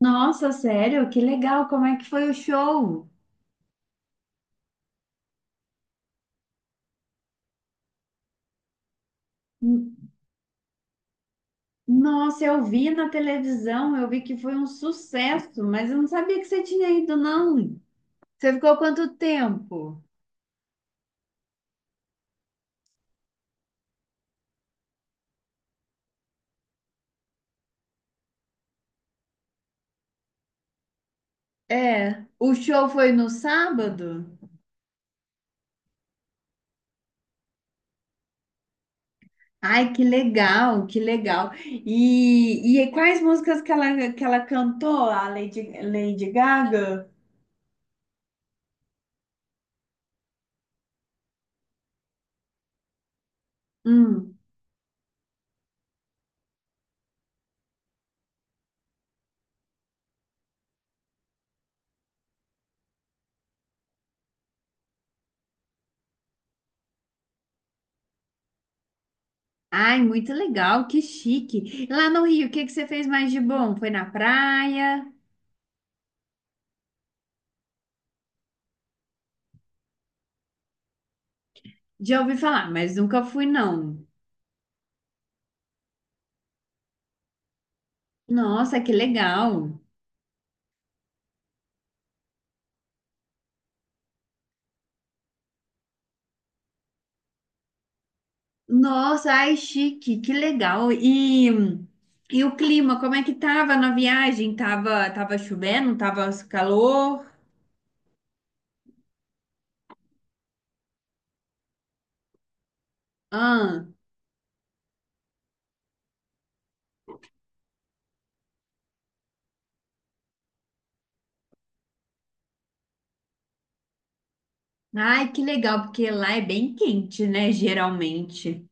Nossa, sério? Que legal! Como é que foi o show? N- Nossa, eu vi na televisão, eu vi que foi um sucesso, mas eu não sabia que você tinha ido, não. Você ficou quanto tempo? É, o show foi no sábado? Ai, que legal, que legal. E quais músicas que ela cantou, a Lady Gaga? Hum. Ai, muito legal, que chique. Lá no Rio, o que que você fez mais de bom? Foi na praia? Já ouvi falar, mas nunca fui, não. Nossa, que legal. Nossa, ai, chique, que legal. E o clima, como é que tava na viagem? Tava chovendo? Tava calor? Ah, ai, que legal, porque lá é bem quente, né, geralmente.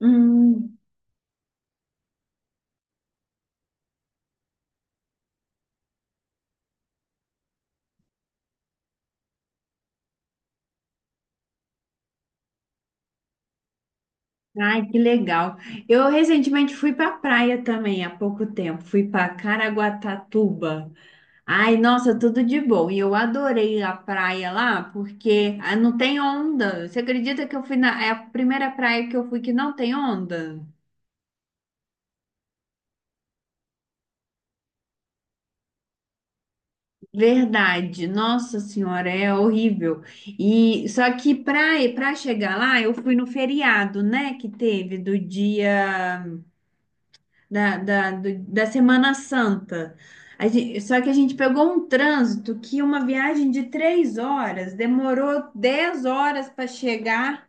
Hum, ai, que legal. Eu recentemente fui pra praia também, há pouco tempo. Fui pra Caraguatatuba. Ai, nossa, tudo de bom. E eu adorei a praia lá, porque ah, não tem onda. Você acredita que eu fui na... É a primeira praia que eu fui que não tem onda? Verdade. Nossa senhora, é horrível. E só que praia, para chegar lá, eu fui no feriado, né, que teve do dia da Semana Santa. Só que a gente pegou um trânsito que uma viagem de 3 horas demorou 10 horas para chegar.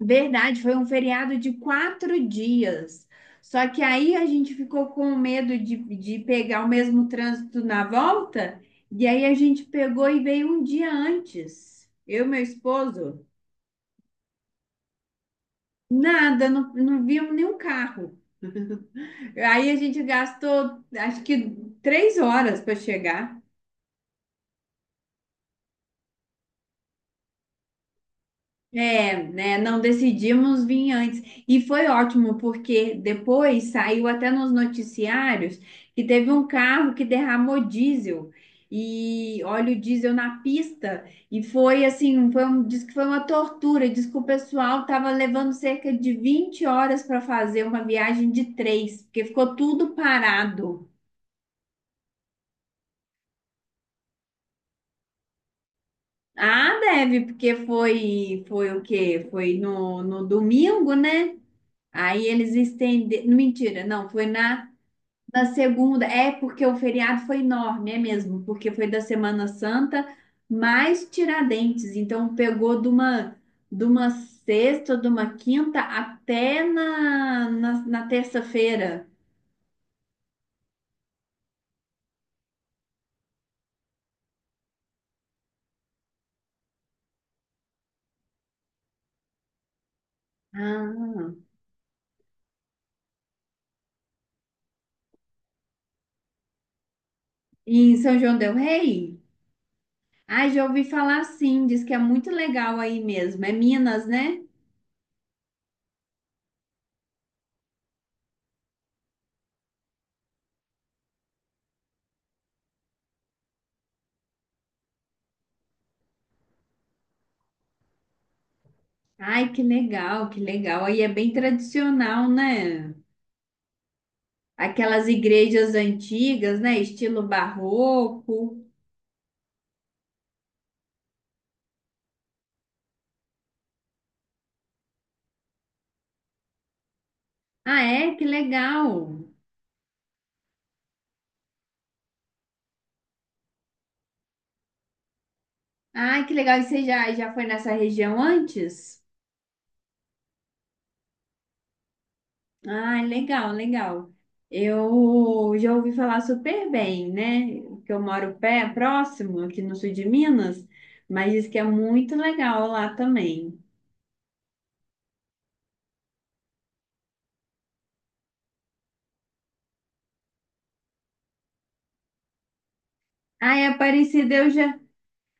Verdade, foi um feriado de 4 dias. Só que aí a gente ficou com medo de pegar o mesmo trânsito na volta, e aí a gente pegou e veio um dia antes. Eu e meu esposo, nada, não, não vimos nenhum carro. Aí a gente gastou acho que 3 horas para chegar. É, né? Não decidimos vir antes. E foi ótimo, porque depois saiu até nos noticiários que teve um carro que derramou diesel e óleo diesel na pista. E foi assim, diz que foi uma tortura. Diz que o pessoal estava levando cerca de 20 horas para fazer uma viagem de três, porque ficou tudo parado. Ah, deve, porque foi o quê? Foi no domingo, né? Aí eles estenderam. Mentira, não, foi na segunda. É porque o feriado foi enorme, é mesmo, porque foi da Semana Santa mais Tiradentes. Então pegou de uma sexta, de uma quinta até na terça-feira. Ah, e em São João del Rei? Ai, já ouvi falar sim, diz que é muito legal aí mesmo. É Minas, né? Ai, que legal, que legal. Aí é bem tradicional, né? Aquelas igrejas antigas, né? Estilo barroco. Ah, é? Que legal. Ah, que legal. E você já foi nessa região antes? Ah, legal, legal. Eu já ouvi falar super bem, né? Que eu moro pé, próximo, aqui no sul de Minas, mas diz que é muito legal lá também. Ah, é Aparecida, eu já.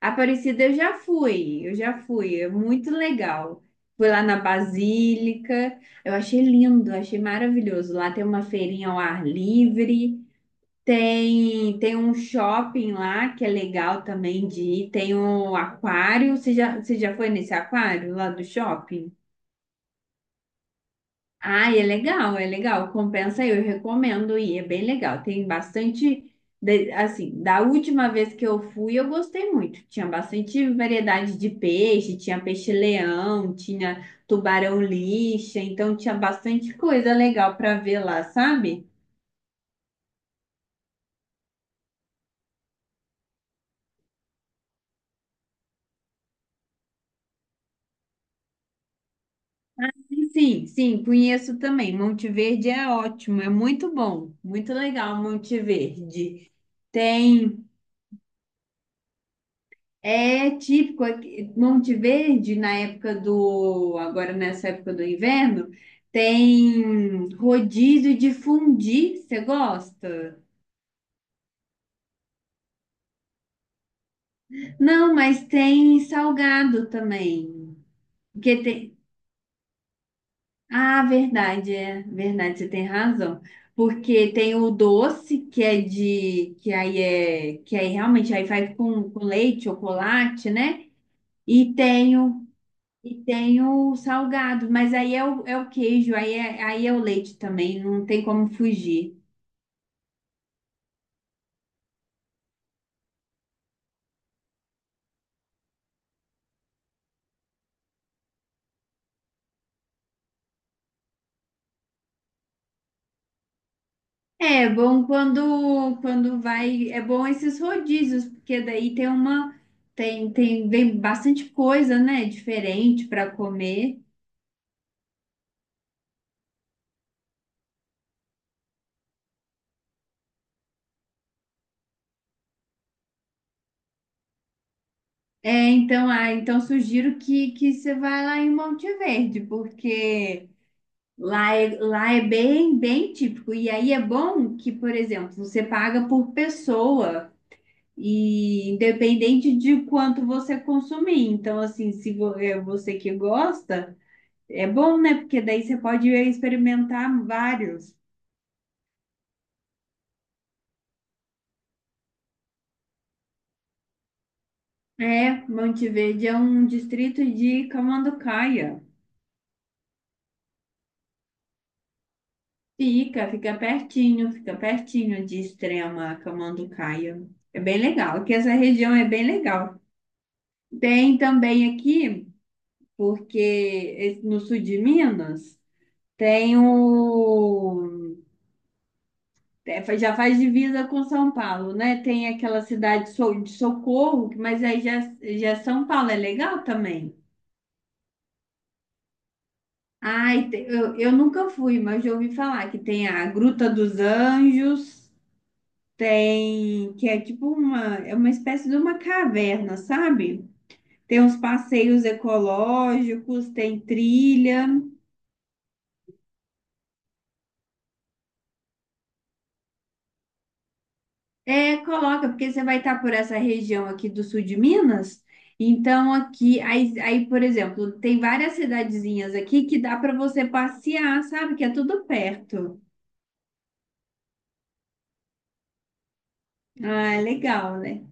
Aparecida eu já fui, é muito legal. Fui lá na Basílica, eu achei lindo, achei maravilhoso. Lá tem uma feirinha ao ar livre, tem um shopping lá que é legal também de ir, tem um aquário. Você já foi nesse aquário lá do shopping? Ah, é legal, é legal. Compensa, aí, eu recomendo ir, é bem legal. Tem bastante, assim, da última vez que eu fui, eu gostei muito. Tinha bastante variedade de peixe, tinha peixe-leão, tinha tubarão-lixa, então tinha bastante coisa legal para ver lá, sabe? Sim, sim, conheço também. Monte Verde é ótimo, é muito bom, muito legal Monte Verde. Tem É típico aqui, Monte Verde na época do, agora nessa época do inverno, tem rodízio de fundi, você gosta? Não, mas tem salgado também. Porque tem, ah, verdade, é, verdade, você tem razão. Porque tem o doce que é de que aí é que aí realmente aí faz com leite, chocolate, né? E tem o E tem o salgado, mas aí é o, é o queijo, aí é o leite também, não tem como fugir. É bom quando vai, é bom esses rodízios, porque daí tem uma tem tem vem bastante coisa, né, diferente para comer. É, então, ah, então sugiro que você vá lá em Monte Verde, porque lá é bem bem típico. E aí é bom que, por exemplo, você paga por pessoa. E independente de quanto você consumir. Então, assim, se vo- é você que gosta, é bom, né? Porque daí você pode experimentar vários. É, Monteverde é um distrito de Camanducaia. Fica pertinho, fica pertinho de Extrema, Camanducaia. É bem legal, porque essa região é bem legal. Tem também aqui, porque no sul de Minas, tem o É, já faz divisa com São Paulo, né? Tem aquela cidade de Socorro, mas aí já é São Paulo, é legal também. Ai, eu nunca fui, mas já ouvi falar que tem a Gruta dos Anjos, tem que é tipo uma, é uma espécie de uma caverna, sabe? Tem uns passeios ecológicos, tem trilha. É, coloca, porque você vai estar por essa região aqui do sul de Minas. Então, aqui, aí, por exemplo, tem várias cidadezinhas aqui que dá para você passear, sabe? Que é tudo perto. Ah, é legal, né?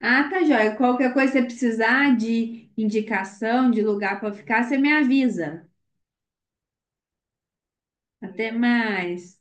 Ah, tá joia. Qualquer coisa que você precisar de indicação, de lugar para ficar, você me avisa. Até mais.